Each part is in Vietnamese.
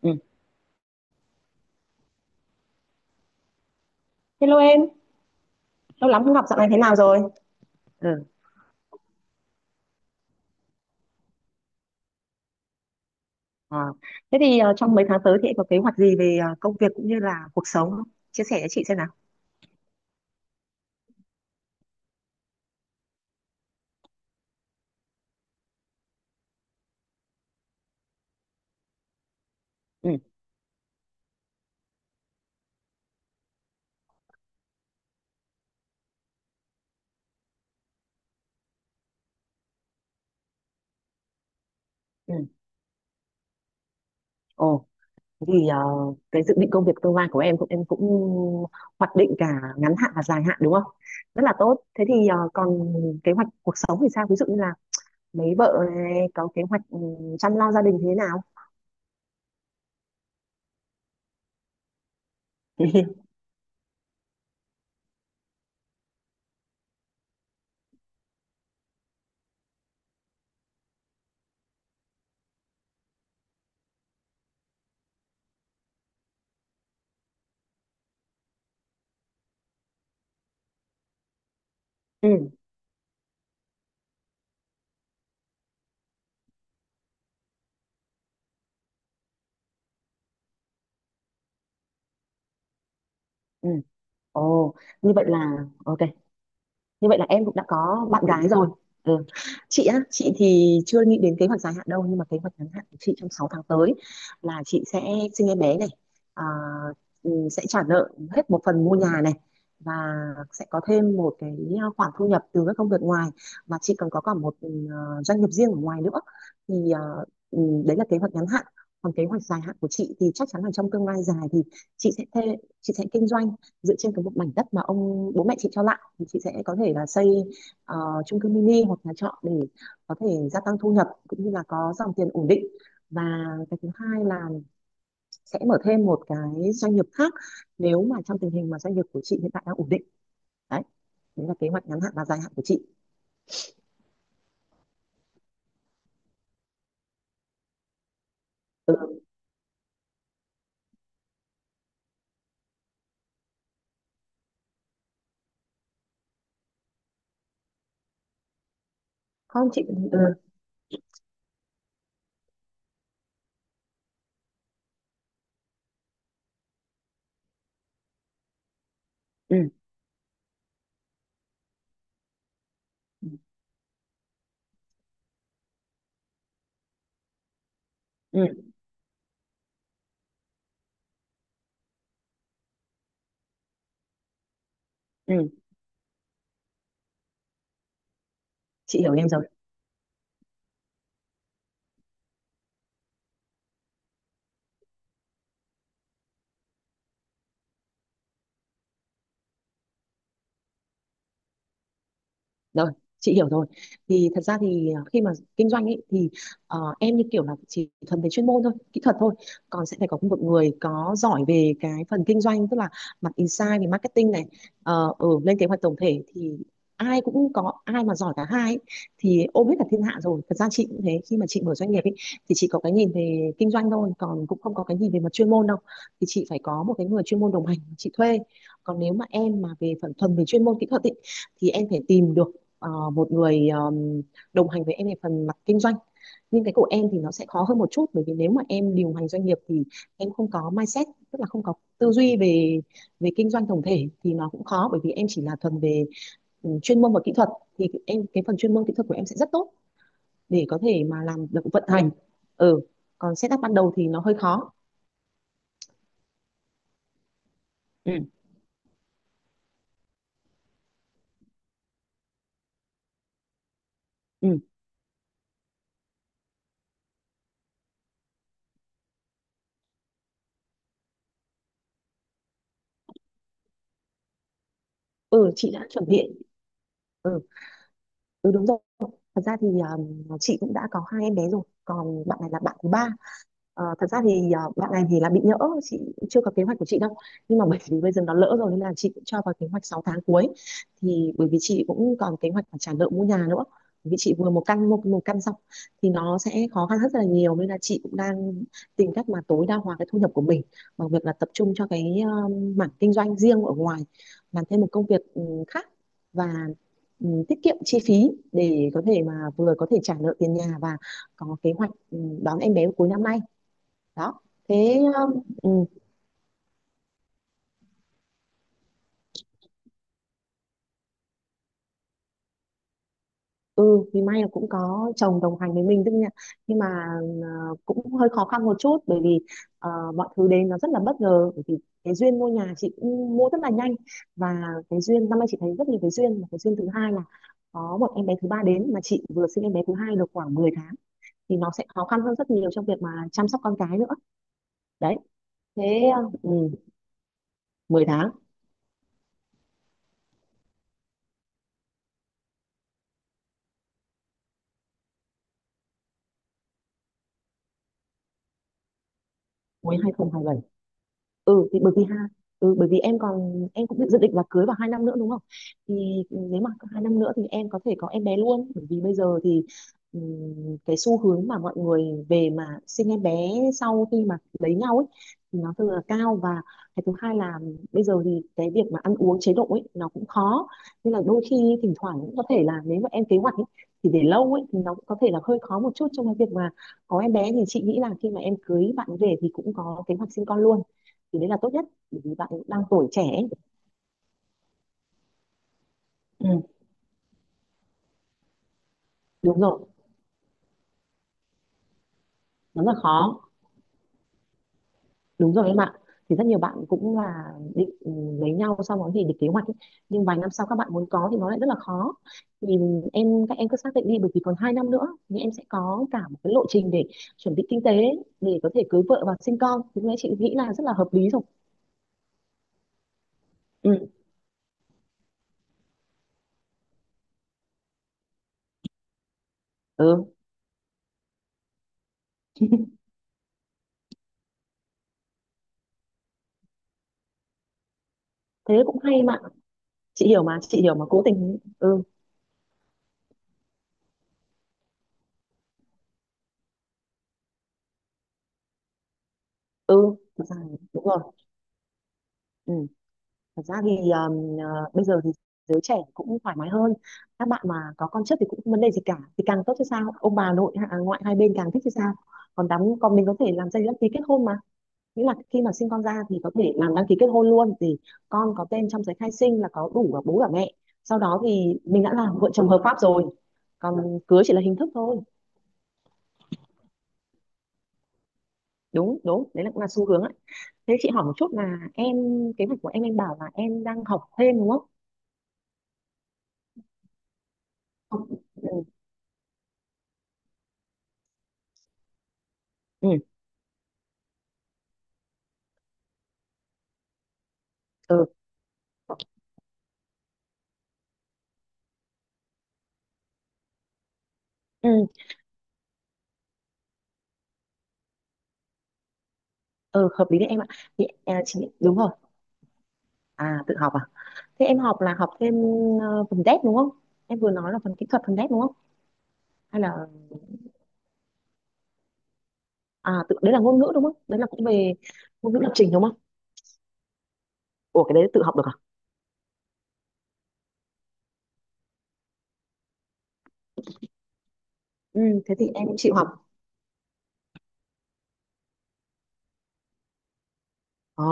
Ừ. Hello em, lâu lắm không gặp dạo này thế nào rồi? Ừ. Ờ. Thế thì trong mấy tháng tới thì em có kế hoạch gì về công việc cũng như là cuộc sống không? Chia sẻ cho chị xem nào. Ừ. Ừ. Ồ, thế thì cái dự định công việc tương lai của em cũng hoạch định cả ngắn hạn và dài hạn đúng không? Rất là tốt. Thế thì còn kế hoạch cuộc sống thì sao? Ví dụ như là mấy vợ này có kế hoạch chăm lo gia đình thế nào? Ừ. Ừ. Ồ, như vậy là ok. Như vậy là em cũng đã có bạn gái rồi. Ừ. Chị á, chị thì chưa nghĩ đến kế hoạch dài hạn đâu, nhưng mà kế hoạch ngắn hạn của chị trong 6 tháng tới là chị sẽ sinh em bé này, à, sẽ trả nợ hết một phần mua nhà này, và sẽ có thêm một cái khoản thu nhập từ các công việc ngoài, và chị còn có cả một doanh nghiệp riêng ở ngoài nữa. Thì ừ, đấy là kế hoạch ngắn hạn. Còn kế hoạch dài hạn của chị thì chắc chắn là trong tương lai dài thì chị sẽ kinh doanh dựa trên cái một mảnh đất mà ông bố mẹ chị cho lại, thì chị sẽ có thể là xây ờ, chung cư mini hoặc nhà trọ để có thể gia tăng thu nhập cũng như là có dòng tiền ổn định, và cái thứ hai là sẽ mở thêm một cái doanh nghiệp khác nếu mà trong tình hình mà doanh nghiệp của chị hiện tại đang ổn định. Đấy, đấy là kế hoạch ngắn hạn và dài hạn của chị. Ừ. Không chị. Ừ. Ừ. Ừ. Ừ. Ừ. Chị hiểu em rồi. Rồi, chị hiểu rồi. Thì thật ra thì khi mà kinh doanh ấy thì em như kiểu là chỉ thuần về chuyên môn thôi, kỹ thuật thôi. Còn sẽ phải có một người có giỏi về cái phần kinh doanh, tức là mặt insight về marketing này, ở lên kế hoạch tổng thể, thì ai cũng có ai mà giỏi cả hai ấy, thì ôm hết cả thiên hạ rồi. Thật ra chị cũng thế, khi mà chị mở doanh nghiệp ấy thì chị có cái nhìn về kinh doanh thôi, còn cũng không có cái nhìn về mặt chuyên môn đâu. Thì chị phải có một cái người chuyên môn đồng hành chị thuê. Còn nếu mà em mà về phần thuần về chuyên môn kỹ thuật ấy, thì em phải tìm được một người đồng hành với em về phần mặt kinh doanh, nhưng cái của em thì nó sẽ khó hơn một chút, bởi vì nếu mà em điều hành doanh nghiệp thì em không có mindset, tức là không có tư duy về về kinh doanh tổng thể, thì nó cũng khó bởi vì em chỉ là thuần về chuyên môn và kỹ thuật, thì em cái phần chuyên môn kỹ thuật của em sẽ rất tốt để có thể mà làm được vận hành. Ừ. Còn setup ban đầu thì nó hơi khó. Ừ. Ừ. Ừ. Chị đã chuẩn bị. ừ, ừ, đúng rồi. Thật ra thì chị cũng đã có hai em bé rồi, còn bạn này là bạn thứ ba. Thật ra thì bạn này thì là bị nhỡ. Chị cũng chưa có kế hoạch của chị đâu, nhưng mà bởi vì bây giờ nó lỡ rồi nên là chị cũng cho vào kế hoạch 6 tháng cuối. Thì bởi vì chị cũng còn kế hoạch phải trả nợ mua nhà nữa, bởi vì chị vừa một căn xong thì nó sẽ khó khăn rất là nhiều, nên là chị cũng đang tìm cách mà tối đa hóa cái thu nhập của mình bằng việc là tập trung cho cái mảng kinh doanh riêng ở ngoài, làm thêm một công việc khác, và tiết kiệm chi phí để có thể mà vừa có thể trả nợ tiền nhà, và có kế hoạch đón em bé cuối năm nay. Đó. Thế ừ thì may là cũng có chồng đồng hành với mình tức nhỉ. Nhưng mà cũng hơi khó khăn một chút, bởi vì ờ, mọi thứ đến nó rất là bất ngờ, bởi vì cái duyên mua nhà chị cũng mua rất là nhanh. Và cái duyên năm nay chị thấy rất nhiều cái duyên, mà cái duyên thứ hai là có một em bé thứ ba đến mà chị vừa sinh em bé thứ hai được khoảng 10 tháng, thì nó sẽ khó khăn hơn rất nhiều trong việc mà chăm sóc con cái nữa. Đấy. Thế. ừ, 10 tháng cuối 2027. Ừ, thì bởi vì ha, bởi vì em còn em cũng dự định là cưới vào 2 năm nữa đúng không? Thì nếu mà có 2 năm nữa thì em có thể có em bé luôn. Bởi vì bây giờ thì ừm, cái xu hướng mà mọi người về mà sinh em bé sau khi mà lấy nhau ấy thì nó thường là cao. Và cái thứ hai là bây giờ thì cái việc mà ăn uống chế độ ấy nó cũng khó, nên là đôi khi thỉnh thoảng cũng có thể là nếu mà em kế hoạch ấy, thì để lâu ấy thì nó cũng có thể là hơi khó một chút trong cái việc mà có em bé. Thì chị nghĩ là khi mà em cưới bạn về thì cũng có kế hoạch sinh con luôn thì đấy là tốt nhất, bởi vì bạn đang tuổi trẻ ấy. Ừ, đúng rồi. Nó rất là khó. Đúng rồi em ạ. Thì rất nhiều bạn cũng là định lấy nhau sau đó thì định kế hoạch ấy. Nhưng vài năm sau các bạn muốn có thì nó lại rất là khó. Thì các em cứ xác định đi, bởi vì còn 2 năm nữa thì em sẽ có cả một cái lộ trình để chuẩn bị kinh tế để có thể cưới vợ và sinh con, thì lúc chị nghĩ là rất là hợp lý rồi. Ừ. Ừ. Thế cũng hay mà. Chị hiểu mà, chị hiểu mà, cố tình. Ừ. Ừ. Thật ra, đúng rồi. Ừ. Thật ra thì bây giờ thì giới trẻ cũng thoải mái hơn. Các bạn mà có con trước thì cũng không vấn đề gì cả. Thì càng tốt chứ sao? Ông bà nội à, ngoại hai bên càng thích chứ sao? Còn đám, còn mình có thể làm giấy đăng ký kết hôn mà. Nghĩa là khi mà sinh con ra thì có thể làm đăng ký kết hôn luôn, thì con có tên trong giấy khai sinh là có đủ cả bố cả mẹ. Sau đó thì mình đã là vợ chồng hợp pháp rồi. Còn cưới chỉ là hình thức thôi. Đúng, đúng, đấy là cũng là xu hướng ấy. Thế chị hỏi một chút là em, kế hoạch của em bảo là em đang học thêm đúng không? Học- Ừ, ừ, ừ. Ờ, hợp lý đấy em ạ. Thì chị, đúng rồi. À, tự học à? Thế em học là học thêm phần dev đúng không? Em vừa nói là phần kỹ thuật, phần dev đúng không? Hay là à, tự đấy là ngôn ngữ đúng không, đấy là cũng về ngôn ngữ lập trình đúng không? Ủa cái đấy tự học được à? Ừ, thế thì em cũng chịu học. ờ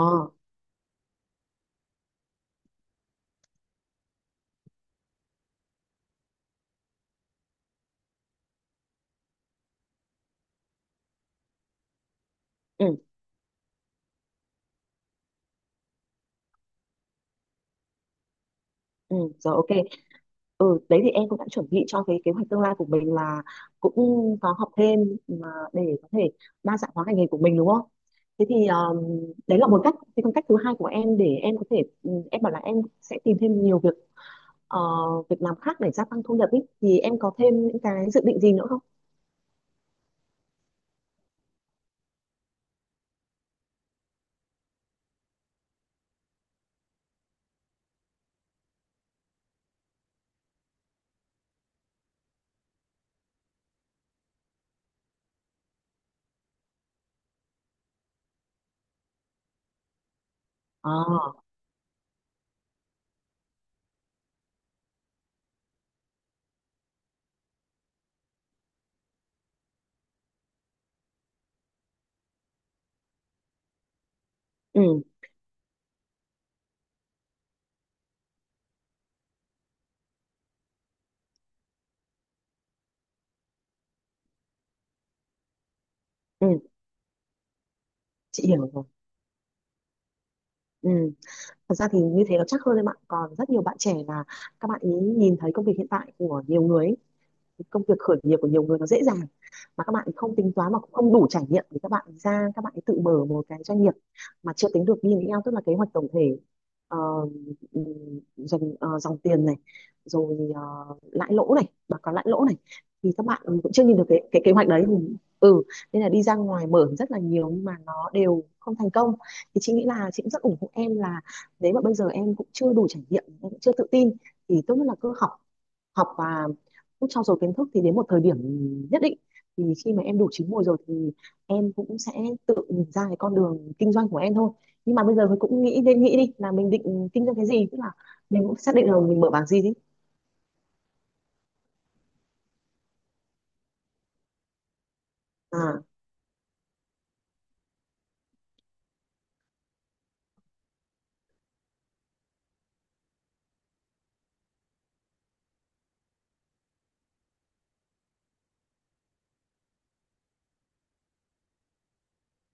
ừ. Ừ, rồi ok. Ừ, đấy thì em cũng đã chuẩn bị cho cái kế hoạch tương lai của mình là cũng có học thêm mà để có thể đa dạng hóa ngành nghề của mình đúng không? Thế thì đấy là một cách. Thế còn cách thứ hai của em để em có thể em bảo là em sẽ tìm thêm nhiều việc, ờ, việc làm khác để gia tăng thu nhập ý. Thì em có thêm những cái dự định gì nữa không? À, ừ, ừ, chị hiểu rồi. Ừ. Thật ra thì như thế nó chắc hơn em ạ. Còn rất nhiều bạn trẻ là các bạn ý nhìn thấy công việc hiện tại của nhiều người ấy, công việc khởi nghiệp của nhiều người nó dễ dàng mà các bạn không tính toán mà cũng không đủ trải nghiệm để các bạn ra các bạn tự mở một cái doanh nghiệp mà chưa tính được BNPL, tức là kế hoạch tổng thể, ờ, dòng dòng tiền này, rồi lãi lỗ này, báo cáo lãi lỗ này, thì các bạn cũng chưa nhìn được cái kế hoạch đấy. Ừ Nên là đi ra ngoài mở rất là nhiều nhưng mà nó đều không thành công. Thì chị nghĩ là chị cũng rất ủng hộ em là nếu mà bây giờ em cũng chưa đủ trải nghiệm, em cũng chưa tự tin, thì tốt nhất là cứ học, học và cứ trau dồi kiến thức, thì đến một thời điểm nhất định, thì khi mà em đủ chín mùi rồi thì em cũng sẽ tự nhìn ra cái con đường kinh doanh của em thôi. Nhưng mà bây giờ mình cũng nghĩ, nên nghĩ đi là mình định kinh doanh cái gì, tức là mình cũng xác định là mình mở bảng gì đi. à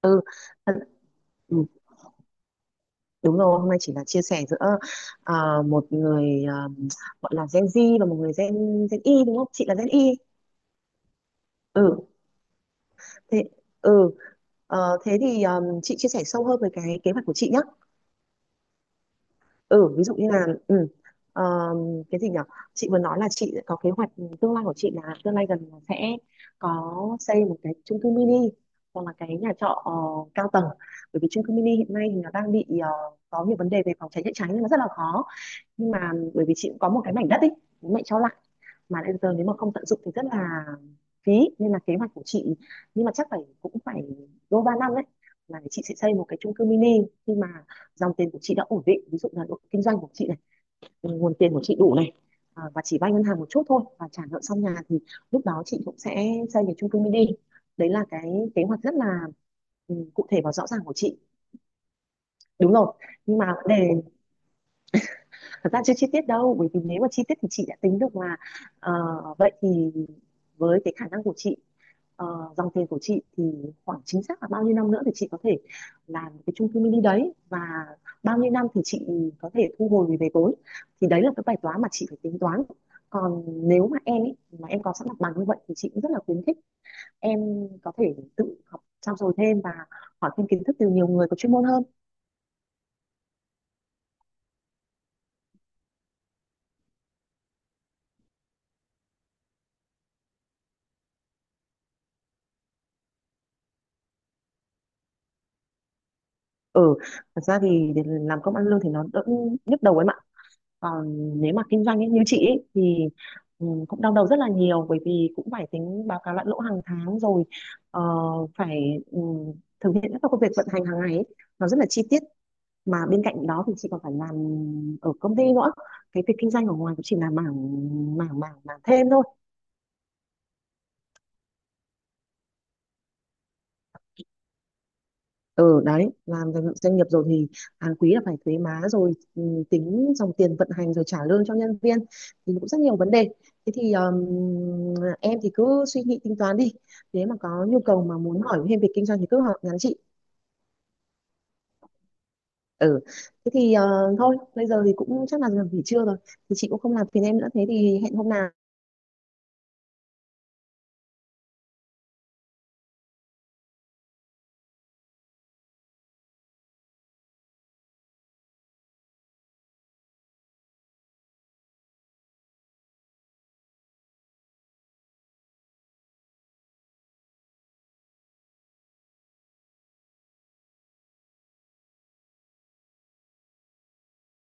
ừ, thật- ừ Đúng rồi, hôm nay chỉ là chia sẻ giữa à, một người, gọi là Gen Z và một người Gen Gen Y, đúng không, chị là Gen Y. Ừ, thế, ừ. Thế thì chị chia sẻ sâu hơn về cái kế hoạch của chị nhé. Ừ, ví dụ như là ờ, cái gì nhở, chị vừa nói là chị có kế hoạch tương lai của chị, là tương lai gần là sẽ có xây một cái chung cư mini hoặc là cái nhà trọ cao tầng, bởi vì chung cư mini hiện nay thì nó đang bị có nhiều vấn đề về phòng cháy chữa cháy nên nó rất là khó. Nhưng mà bởi vì chị cũng có một cái mảnh đất ấy, bố mẹ cho lại, mà đến giờ nếu mà không tận dụng thì rất là phí. Nên là kế hoạch của chị, nhưng mà chắc phải, cũng phải đôi ba năm đấy, là chị sẽ xây một cái chung cư mini, khi mà dòng tiền của chị đã ổn định, ví dụ là độ kinh doanh của chị này, nguồn tiền của chị đủ này, à, và chỉ vay ngân hàng một chút thôi và trả nợ xong nhà, thì lúc đó chị cũng sẽ xây một chung cư mini. Đấy là cái kế hoạch rất là cụ thể và rõ ràng của chị. Đúng rồi, nhưng mà vấn đề, thật ra chưa chi tiết đâu, bởi vì nếu mà chi tiết thì chị đã tính được mà. Ờ, vậy thì với cái khả năng của chị, ờ, dòng tiền của chị thì khoảng chính xác là bao nhiêu năm nữa thì chị có thể làm cái chung cư mini đấy, và bao nhiêu năm thì chị có thể thu hồi về vốn, thì đấy là cái bài toán mà chị phải tính toán. Còn nếu mà em ấy, mà em có sẵn mặt bằng như vậy, thì chị cũng rất là khuyến khích em có thể tự học, trau dồi thêm và hỏi thêm kiến thức từ nhiều người có chuyên môn hơn. Ừ, thật ra thì để làm công ăn lương thì nó đỡ nhức đầu em ạ. Còn nếu mà kinh doanh ấy, như chị ấy, thì cũng đau đầu rất là nhiều, bởi vì cũng phải tính báo cáo lại lỗ hàng tháng rồi, ờ, phải thực hiện các công việc vận hành hàng ngày ấy. Nó rất là chi tiết, mà bên cạnh đó thì chị còn phải làm ở công ty nữa, cái việc kinh doanh ở ngoài cũng chỉ là mảng mảng mảng mảng thêm thôi. Ừ, đấy làm doanh doanh nghiệp rồi thì hàng quý là phải thuế má rồi, tính dòng tiền vận hành rồi trả lương cho nhân viên, thì cũng rất nhiều vấn đề. Thế thì em thì cứ suy nghĩ tính toán đi, nếu mà có nhu cầu mà muốn hỏi thêm về kinh doanh thì cứ hỏi, nhắn chị. Ừ, thế thì thôi bây giờ thì cũng chắc là giờ nghỉ trưa rồi, thì chị cũng không làm phiền em nữa, thế thì hẹn hôm nào.